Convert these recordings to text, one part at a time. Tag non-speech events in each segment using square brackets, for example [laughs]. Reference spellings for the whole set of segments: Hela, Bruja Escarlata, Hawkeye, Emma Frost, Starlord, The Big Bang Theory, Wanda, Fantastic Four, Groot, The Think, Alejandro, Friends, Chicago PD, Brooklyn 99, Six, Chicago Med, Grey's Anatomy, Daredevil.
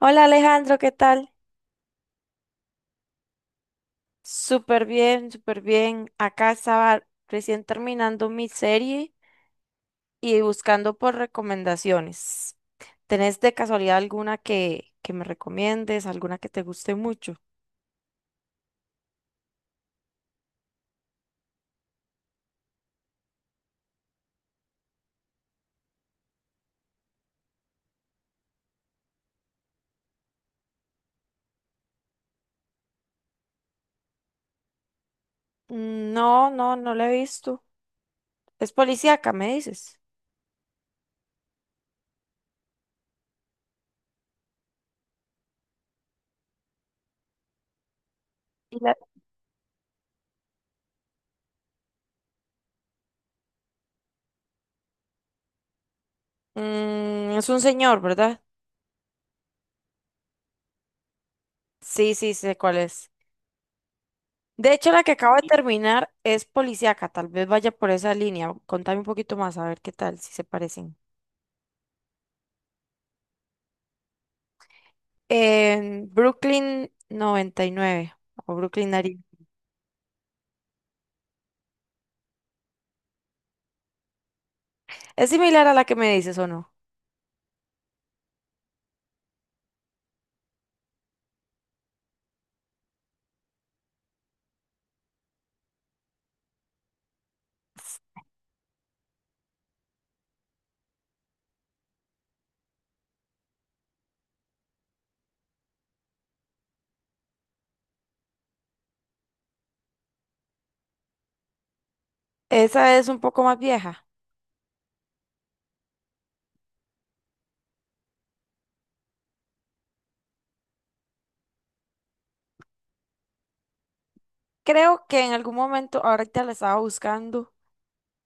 Hola Alejandro, ¿qué tal? Súper bien, súper bien. Acá estaba recién terminando mi serie y buscando por recomendaciones. ¿Tenés de casualidad alguna que me recomiendes, alguna que te guste mucho? Mm, no, no, no la he visto. Es policíaca, me dices. Y la- Mm, es un señor, ¿verdad? Sí, sí, sé cuál es. De hecho, la que acabo de terminar es policíaca. Tal vez vaya por esa línea. Contame un poquito más, a ver qué tal, si se parecen. En Brooklyn 99 o Brooklyn Nine. ¿Es similar a la que me dices o no? Esa es un poco más vieja. Creo que en algún momento, ahorita la estaba buscando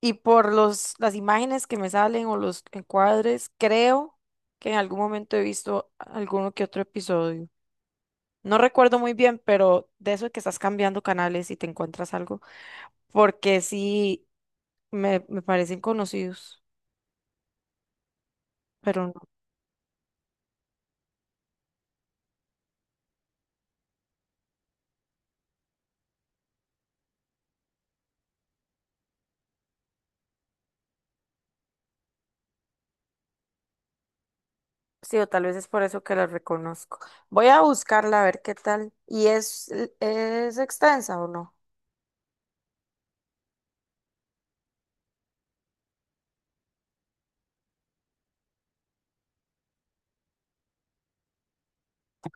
y por los, las imágenes que me salen o los encuadres, creo que en algún momento he visto alguno que otro episodio. No recuerdo muy bien, pero de eso de que estás cambiando canales y te encuentras algo, porque sí me parecen conocidos, pero no. Sí, o tal vez es por eso que la reconozco. Voy a buscarla a ver qué tal. ¿Y es extensa o no?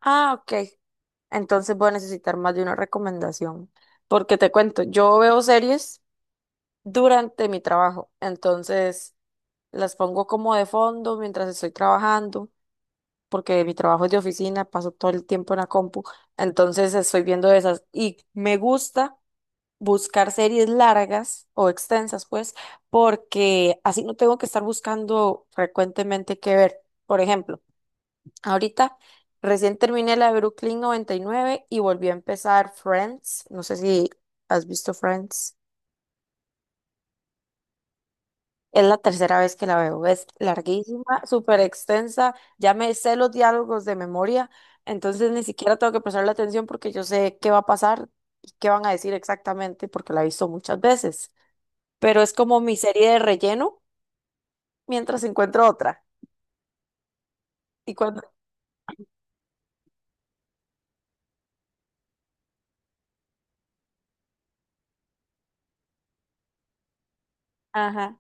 Ah, ok. Entonces voy a necesitar más de una recomendación. Porque te cuento, yo veo series durante mi trabajo. Entonces las pongo como de fondo mientras estoy trabajando. Porque mi trabajo es de oficina, paso todo el tiempo en la compu. Entonces estoy viendo esas. Y me gusta buscar series largas o extensas, pues, porque así no tengo que estar buscando frecuentemente qué ver. Por ejemplo, ahorita recién terminé la de Brooklyn 99 y nueve y volví a empezar Friends. No sé si has visto Friends. Es la tercera vez que la veo. Es larguísima, súper extensa. Ya me sé los diálogos de memoria, entonces ni siquiera tengo que prestarle atención porque yo sé qué va a pasar y qué van a decir exactamente porque la he visto muchas veces, pero es como mi serie de relleno mientras encuentro otra. Y cuando, ajá,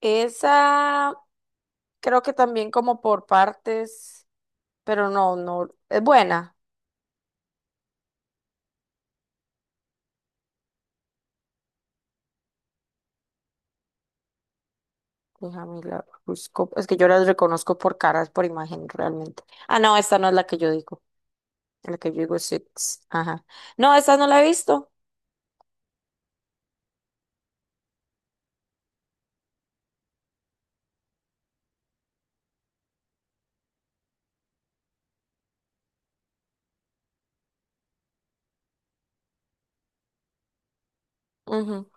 esa creo que también como por partes, pero no, no, es buena. Déjame la busco, es que yo las reconozco por caras, por imagen realmente. Ah, no, esta no es la que yo digo, la que yo digo es Six, ajá. No, esta no la he visto. Ujú.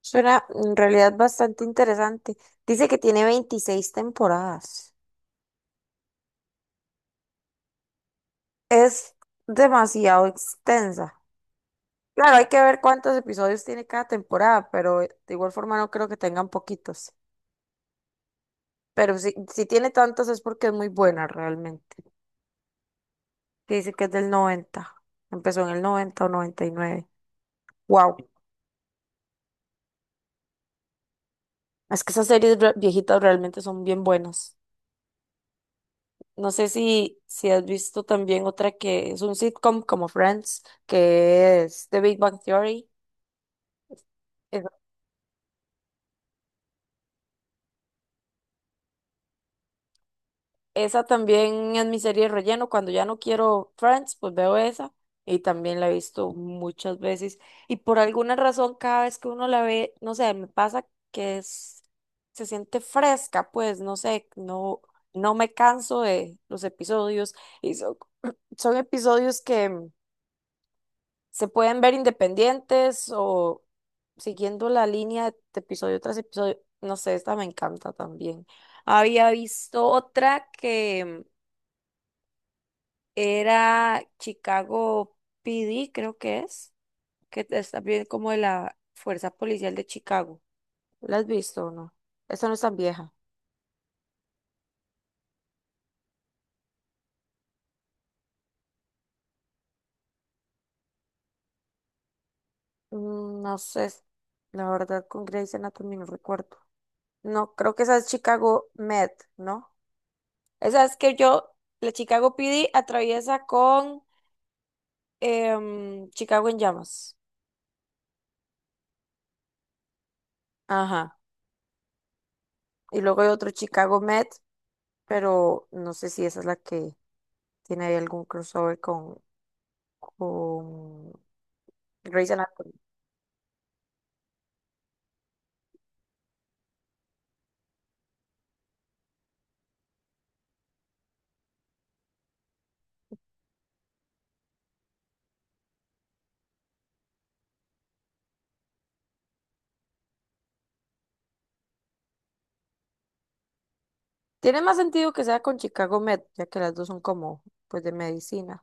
Suena en realidad bastante interesante. Dice que tiene 26 temporadas. Es demasiado extensa. Claro, hay que ver cuántos episodios tiene cada temporada, pero de igual forma no creo que tengan poquitos. Pero si tiene tantos es porque es muy buena realmente. Que dice que es del noventa. Empezó en el 90 o 99. Wow. Es que esas series re- viejitas realmente son bien buenas. No sé si has visto también otra que es un sitcom como Friends, que es The Big Bang Theory. Esa también es mi serie de relleno. Cuando ya no quiero Friends, pues veo esa. Y también la he visto muchas veces. Y por alguna razón, cada vez que uno la ve, no sé, me pasa que se siente fresca, pues, no sé, no, no me canso de los episodios. Y son episodios que se pueden ver independientes o siguiendo la línea de episodio tras episodio. No sé, esta me encanta también. Había visto otra que era Chicago PD, creo que es también como de la Fuerza Policial de Chicago. ¿La has visto o no? Esa no es tan vieja. Mm, no sé, la verdad con Grey's Anatomy no recuerdo. No, creo que esa es Chicago Med, ¿no? Esa es que yo, la Chicago PD atraviesa con Chicago en llamas. Ajá. Y luego hay otro Chicago Med, pero no sé si esa es la que tiene ahí algún crossover con Grey's Anatomy. Tiene más sentido que sea con Chicago Med, ya que las dos son como, pues, de medicina,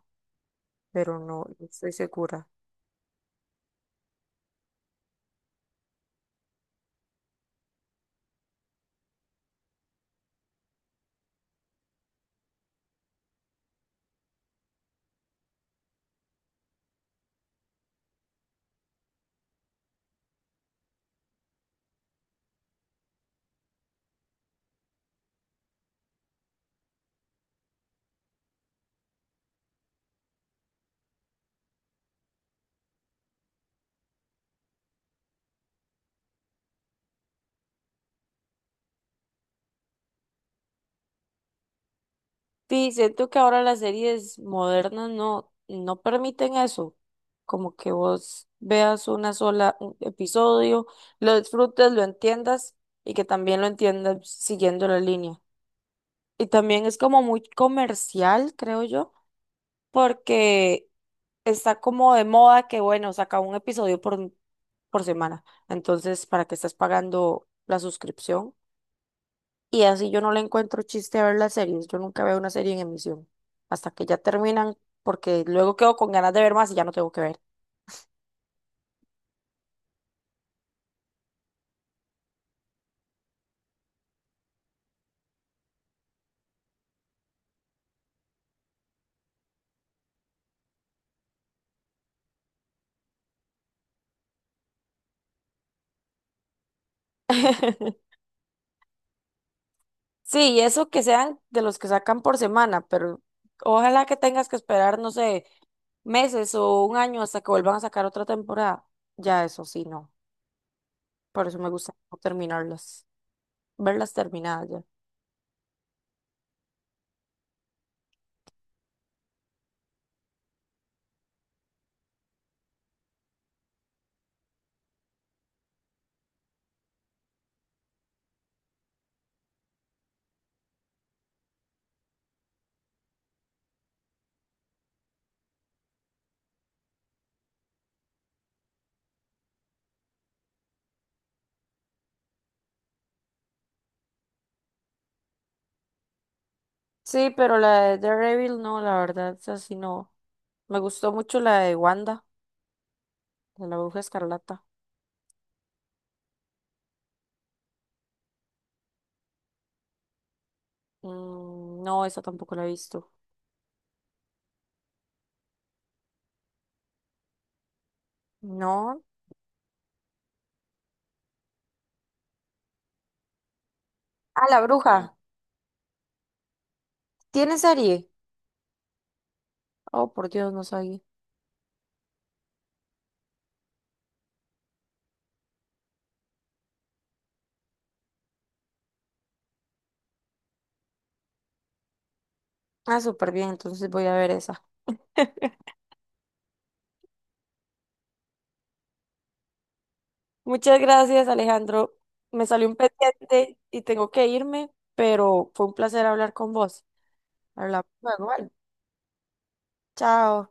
pero no, no estoy segura. Sí, siento que ahora las series modernas no permiten eso, como que vos veas una sola un episodio, lo disfrutes, lo entiendas y que también lo entiendas siguiendo la línea. Y también es como muy comercial, creo yo, porque está como de moda que, bueno, saca un episodio por semana. Entonces, ¿para qué estás pagando la suscripción? Y así yo no le encuentro chiste a ver las series. Yo nunca veo una serie en emisión hasta que ya terminan, porque luego quedo con ganas de ver más y ya no tengo que ver. [laughs] Sí, y eso que sean de los que sacan por semana, pero ojalá que tengas que esperar, no sé, meses o un año hasta que vuelvan a sacar otra temporada. Ya eso sí, no. Por eso me gusta no terminarlas, verlas terminadas ya. Sí, pero la de Daredevil no, la verdad, es así no. Me gustó mucho la de Wanda, de la Bruja Escarlata. Mm, no, esa tampoco la he visto. No. Ah, la Bruja. ¿Tiene serie? Oh, por Dios, no sabía. Ah, súper bien, entonces voy a ver esa. [laughs] Muchas gracias, Alejandro. Me salió un pendiente y tengo que irme, pero fue un placer hablar con vos. Hablamos luego, ¿vale? Chao.